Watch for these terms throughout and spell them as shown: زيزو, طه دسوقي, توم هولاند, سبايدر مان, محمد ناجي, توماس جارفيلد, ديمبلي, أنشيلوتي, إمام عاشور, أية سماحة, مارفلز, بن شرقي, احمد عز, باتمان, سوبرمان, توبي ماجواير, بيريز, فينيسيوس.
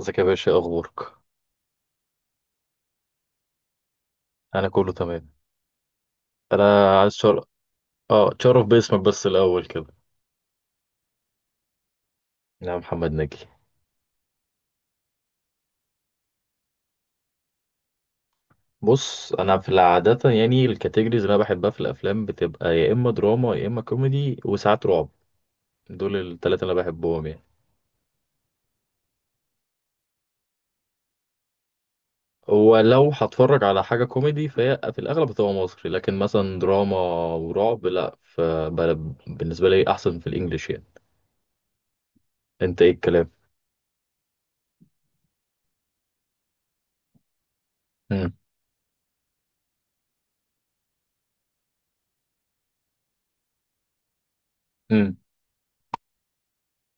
ازيك يا باشا؟ إيه اخبارك؟ انا كله تمام. انا عايز اه، تشرف باسمك بس الاول كده. انا محمد ناجي. بص، انا في العادة يعني الكاتيجوريز اللي انا بحبها في الافلام بتبقى يا اما دراما يا اما كوميدي وساعات رعب. دول الثلاثه اللي انا بحبهم يعني. ولو هتفرج على حاجة كوميدي فهي في الأغلب بتبقى مصري، لكن مثلا دراما ورعب لأ، بالنسبة لي أحسن في الإنجليش يعني. أنت إيه الكلام؟ امم. امم.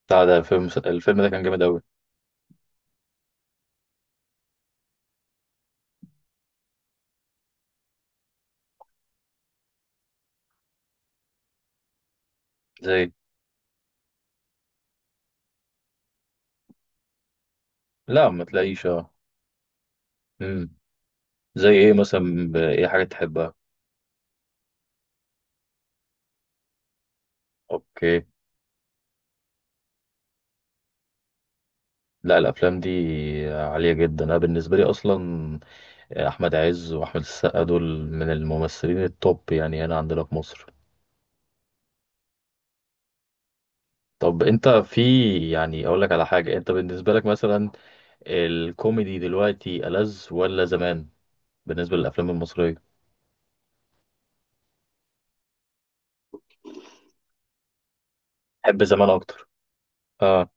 بتاع ده الفيلم، الفيلم ده كان جامد أوي. زي. لا ما تلاقيش. اه. زي ايه مثلا؟ ايه حاجة تحبها؟ اوكي. لا الافلام دي عالية جدا. انا بالنسبة لي اصلا، احمد عز واحمد السقا دول من الممثلين التوب يعني هنا عندنا في مصر. طب انت في، يعني اقول لك على حاجة، انت بالنسبة لك مثلا الكوميدي دلوقتي ألذ ولا زمان؟ بالنسبة للافلام المصرية. تحب زمان اكتر؟ اه.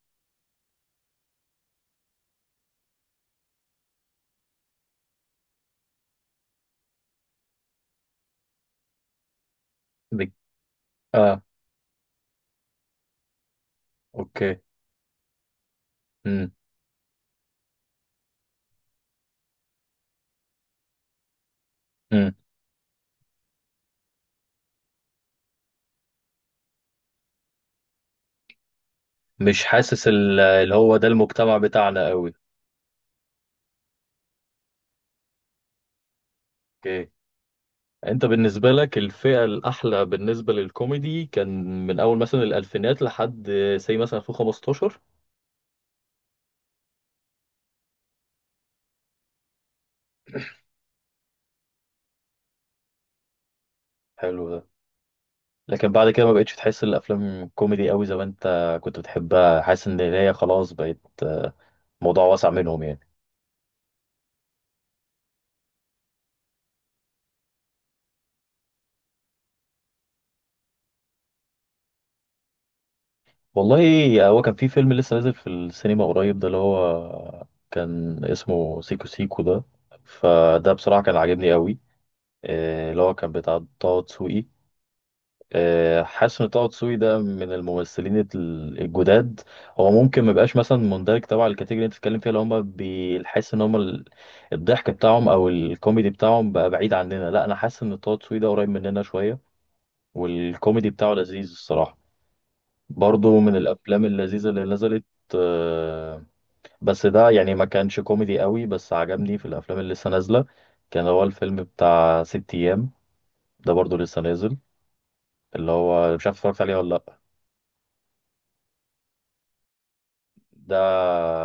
بك... اه. اوكي. امم. امم. مش حاسس اللي هو ده المجتمع بتاعنا قوي. اوكي. انت بالنسبة لك الفئة الأحلى بالنسبة للكوميدي كان من أول مثلا الألفينات لحد سي مثلا 2015؟ حلو ده. لكن بعد كده ما بقتش تحس الأفلام كوميدي قوي زي ما انت كنت بتحبها؟ حاسس إن هي خلاص بقت موضوع واسع منهم يعني. والله هو كان في فيلم لسه نازل في السينما قريب ده، اللي هو كان اسمه سيكو سيكو ده. فده بصراحة كان عاجبني قوي. اللي هو كان بتاع طه دسوقي. حاسس ان طه دسوقي ده من الممثلين الجداد. هو ممكن ما يبقاش مثلا مندرج تبع الكاتيجوري اللي انت بتتكلم فيها، اللي هم بيحس ان هم الضحك بتاعهم او الكوميدي بتاعهم بقى بعيد عننا. لا انا حاسس ان طه دسوقي ده قريب مننا شويه، والكوميدي بتاعه لذيذ الصراحه. برضه من الافلام اللذيذه اللي نزلت. آه، بس ده يعني ما كانش كوميدي قوي. بس عجبني في الافلام اللي لسه نازله كان هو الفيلم بتاع ست ايام. ده برضه لسه نازل. اللي هو مش عارف اتفرجت عليه ولا لا؟ ده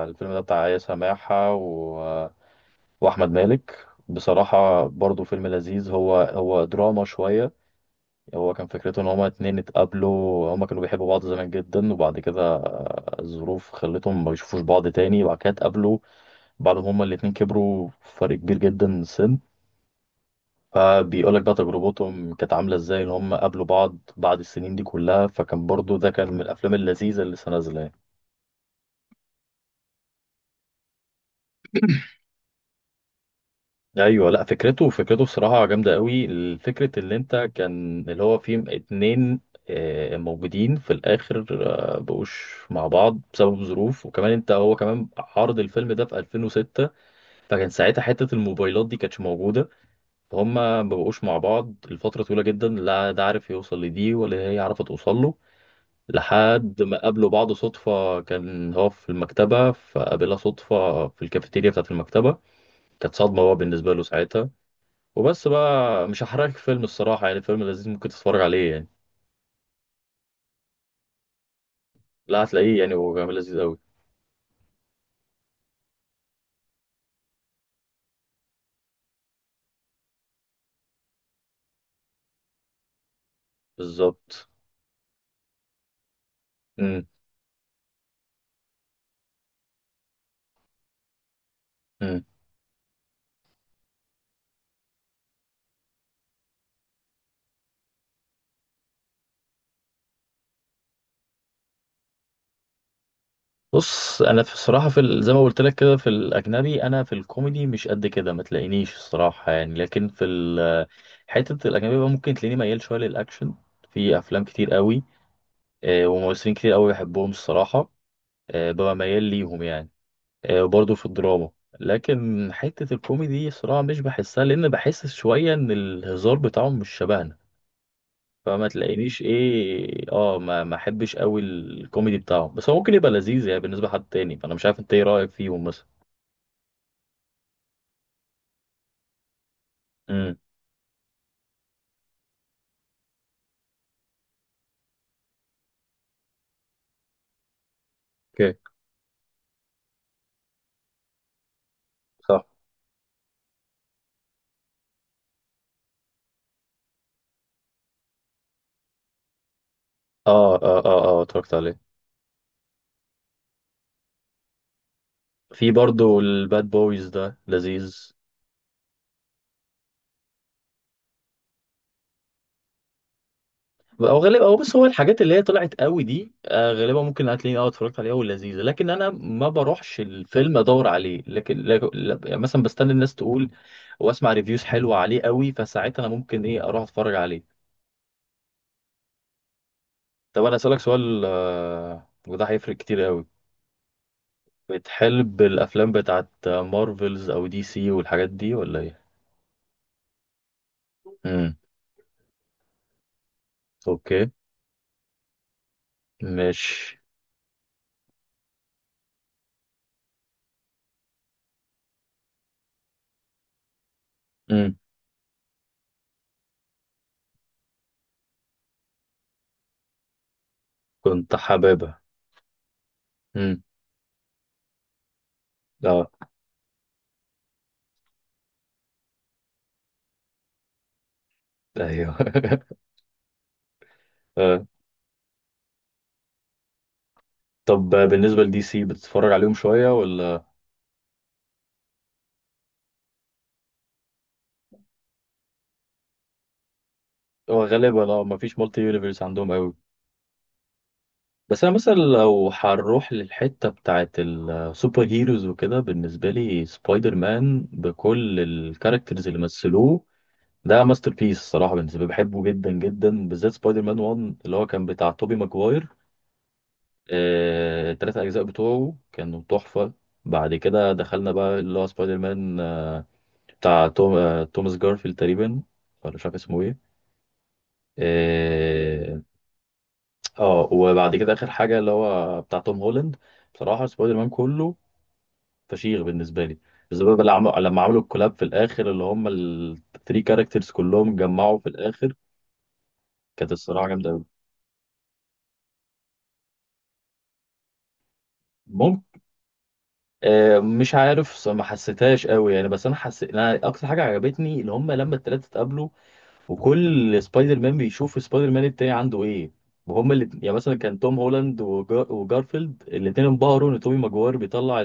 الفيلم ده بتاع آية سماحة و... وأحمد مالك. بصراحة برضو فيلم لذيذ. هو هو دراما شوية. هو كان فكرته إن هما اتنين اتقابلوا، هما كانوا بيحبوا بعض زمان جدا، وبعد كده الظروف خلتهم ما يشوفوش بعض تاني، وبعد كده اتقابلوا بعد ما هما الاتنين كبروا فرق كبير جدا سن. فبيقولك بقى تجربتهم كانت عاملة ازاي إن هما قابلوا بعض بعد السنين دي كلها. فكان برضو ده كان من الأفلام اللذيذة اللي لسه نازلة يعني. ايوه. لا فكرته، فكرته بصراحه جامده قوي. الفكره اللي انت كان اللي هو فيه اتنين موجودين في الاخر بقوش مع بعض بسبب ظروف. وكمان انت هو كمان عرض الفيلم ده في 2006، فكان ساعتها حته الموبايلات دي كانتش موجوده، فهم ما بقوش مع بعض لفتره طويله جدا. لا ده عارف يوصل لدي، ولا هي عارفه توصل له، لحد ما قابلوا بعض صدفه. كان هو في المكتبه فقابلها صدفه في الكافيتيريا بتاعت المكتبه. كانت صدمه هو بالنسبه له ساعتها. وبس بقى، مش هحرقلك فيلم. الصراحة يعني فيلم لذيذ، ممكن تتفرج عليه يعني. لا هتلاقيه يعني هو كمان لذيذ قوي. بالظبط. امم. امم. بص انا في الصراحة في زي ما قلت لك كده، في الاجنبي انا في الكوميدي مش قد كده، ما تلاقينيش الصراحة يعني. لكن في حتة الاجنبي بقى ممكن تلاقيني ميال شوية للاكشن. في افلام كتير قوي، وممثلين كتير قوي بحبهم الصراحة. ببقى ميال ليهم يعني. برضه في الدراما. لكن حتة الكوميدي صراحة مش بحسها، لأن بحس شوية إن الهزار بتاعهم مش شبهنا. فما تلاقينيش إيه، ما أحبش أوي الكوميدي بتاعهم. بس هو ممكن يبقى لذيذ يعني بالنسبة لحد تاني، فأنا مش عارف أنت إيه رأيك فيهم مثلا. امم. اوكي. صح. آه آه آه آه، اتفرجت عليه. في برضه الباد بويز ده لذيذ. او غالبا، او بص هو الحاجات اللي هي طلعت قوي دي غالبا ممكن هتلاقيني اه اتفرجت عليها ولذيذه. لكن انا ما بروحش الفيلم ادور عليه، لكن يعني مثلا بستنى الناس تقول واسمع ريفيوز حلوه عليه قوي، فساعتها انا ممكن ايه اروح اتفرج عليه. طب انا اسالك سؤال، وده هيفرق كتير قوي، بتحب الافلام بتاعت مارفلز او دي سي والحاجات دي ولا ايه؟ امم. اوكي. مش. امم. كنت حاببها. امم. اه. ايوه. طب بالنسبة لدي سي بتتفرج عليهم شوية ولا؟ هو غالبا اه مفيش مالتي يونيفرس عندهم قوي. بس انا مثلا لو هنروح للحتة بتاعت السوبر هيروز وكده، بالنسبة لي سبايدر مان بكل الكاركترز اللي مثلوه ده ماستر بيس الصراحة. بالنسبة لي بحبه جدا جدا، بالذات سبايدر مان 1 اللي هو كان بتاع توبي ماجواير. التلات أجزاء بتوعه كانوا تحفة. بعد كده دخلنا بقى اللي هو سبايدر مان بتاع توماس جارفيلد تقريبا، ولا مش عارف اسمه إيه. اه. وبعد كده اخر حاجه اللي هو بتاع توم هولاند. بصراحه سبايدر مان كله فشيخ بالنسبه لي، بالذات بقى لما عملوا الكولاب في الاخر، اللي هم الثري كاركترز كلهم اتجمعوا في الاخر. كانت الصراحه جامده قوي. ممكن. آه مش عارف، ما حسيتهاش قوي يعني. بس انا حسيت انا اكتر حاجه عجبتني اللي هم لما الثلاثه اتقابلوا وكل سبايدر مان بيشوف سبايدر مان التاني عنده ايه. وهم اللي يعني مثلا كان توم هولاند وجارفيلد الاثنين انبهروا ان تومي ماجوار بيطلع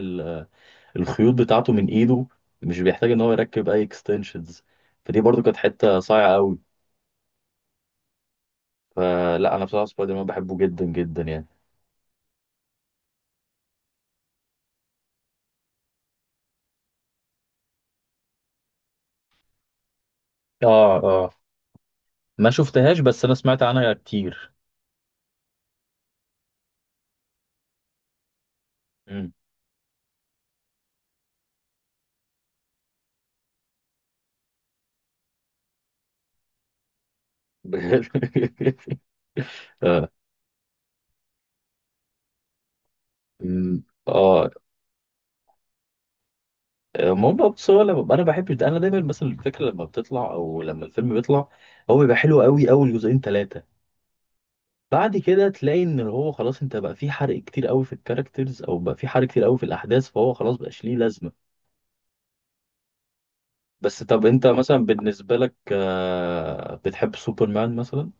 الخيوط بتاعته من ايده، مش بيحتاج ان هو يركب اي اكستنشنز. فدي برضو كانت حته صايعه قوي. فلا انا بصراحه سبايدر مان بحبه جدا جدا يعني. اه. اه ما شفتهاش، بس انا سمعت عنها كتير. مم. اه. مم. آه. المهم بس هو لما انا بحب ده، انا دايما مثلا الفكره لما بتطلع او لما الفيلم بيطلع هو بيبقى حلو قوي اول جزئين ثلاثه. بعد كده تلاقي ان هو خلاص، انت بقى في حرق كتير قوي في الكاركترز او بقى في حرق كتير قوي في الاحداث، فهو خلاص بقاش ليه لازمه. بس طب انت مثلا بالنسبة لك، بتحب سوبرمان مثلا؟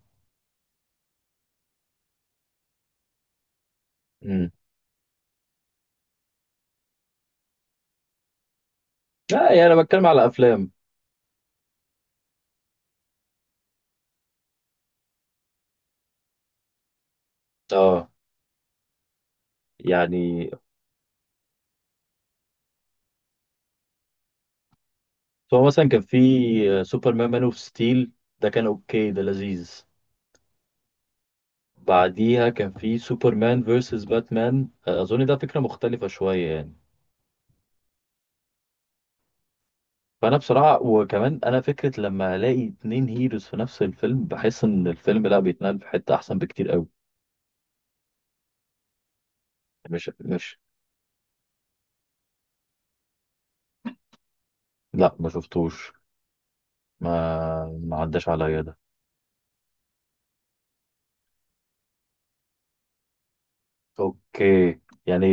امم. لا يعني انا بتكلم على افلام. اه. يعني فهو مثلا كان في سوبرمان مان اوف ستيل. ده كان اوكي، ده لذيذ. بعديها كان في سوبرمان فيرسس باتمان. اظن ده فكرة مختلفة شوية يعني. فانا بصراحة، وكمان انا فكرة لما الاقي اتنين هيروز في نفس الفيلم بحس ان الفيلم لا بيتنقل في حتة احسن بكتير قوي. مش. مش. لا ما شفتوش. ما عداش عليا ده. اوكي. يعني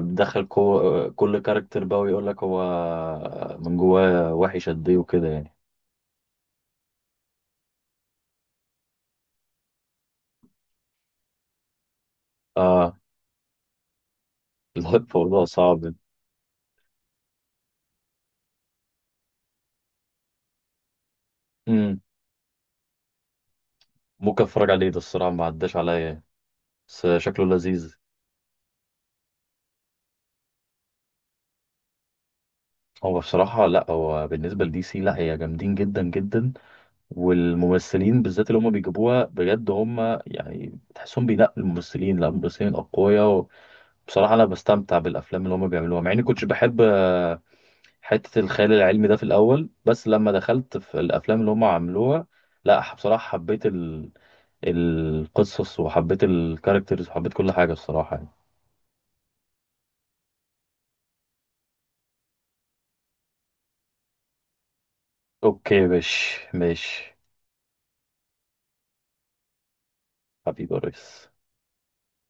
بتدخل كو... آه، كل كاركتر بقى ويقول لك هو من جواه وحش قد ايه وكده يعني. اه. لا الموضوع صعب. امم. ممكن اتفرج عليه ده الصراحه، ما عداش عليا يعني. بس شكله لذيذ. هو بصراحه، لا هو بالنسبه لدي سي لا هي جامدين جدا جدا، والممثلين بالذات اللي هم بيجيبوها بجد هم، يعني تحسهم بينقوا الممثلين. لا الممثلين اقوياء. بصراحه انا بستمتع بالافلام اللي هم بيعملوها، مع اني كنتش بحب حتة الخيال العلمي ده في الأول. بس لما دخلت في الأفلام اللي هم عملوها، لا بصراحة حبيت ال... القصص وحبيت الكاركترز وحبيت كل حاجة الصراحة يعني. أوكي ماشي ماشي. حبيبي يا ريس.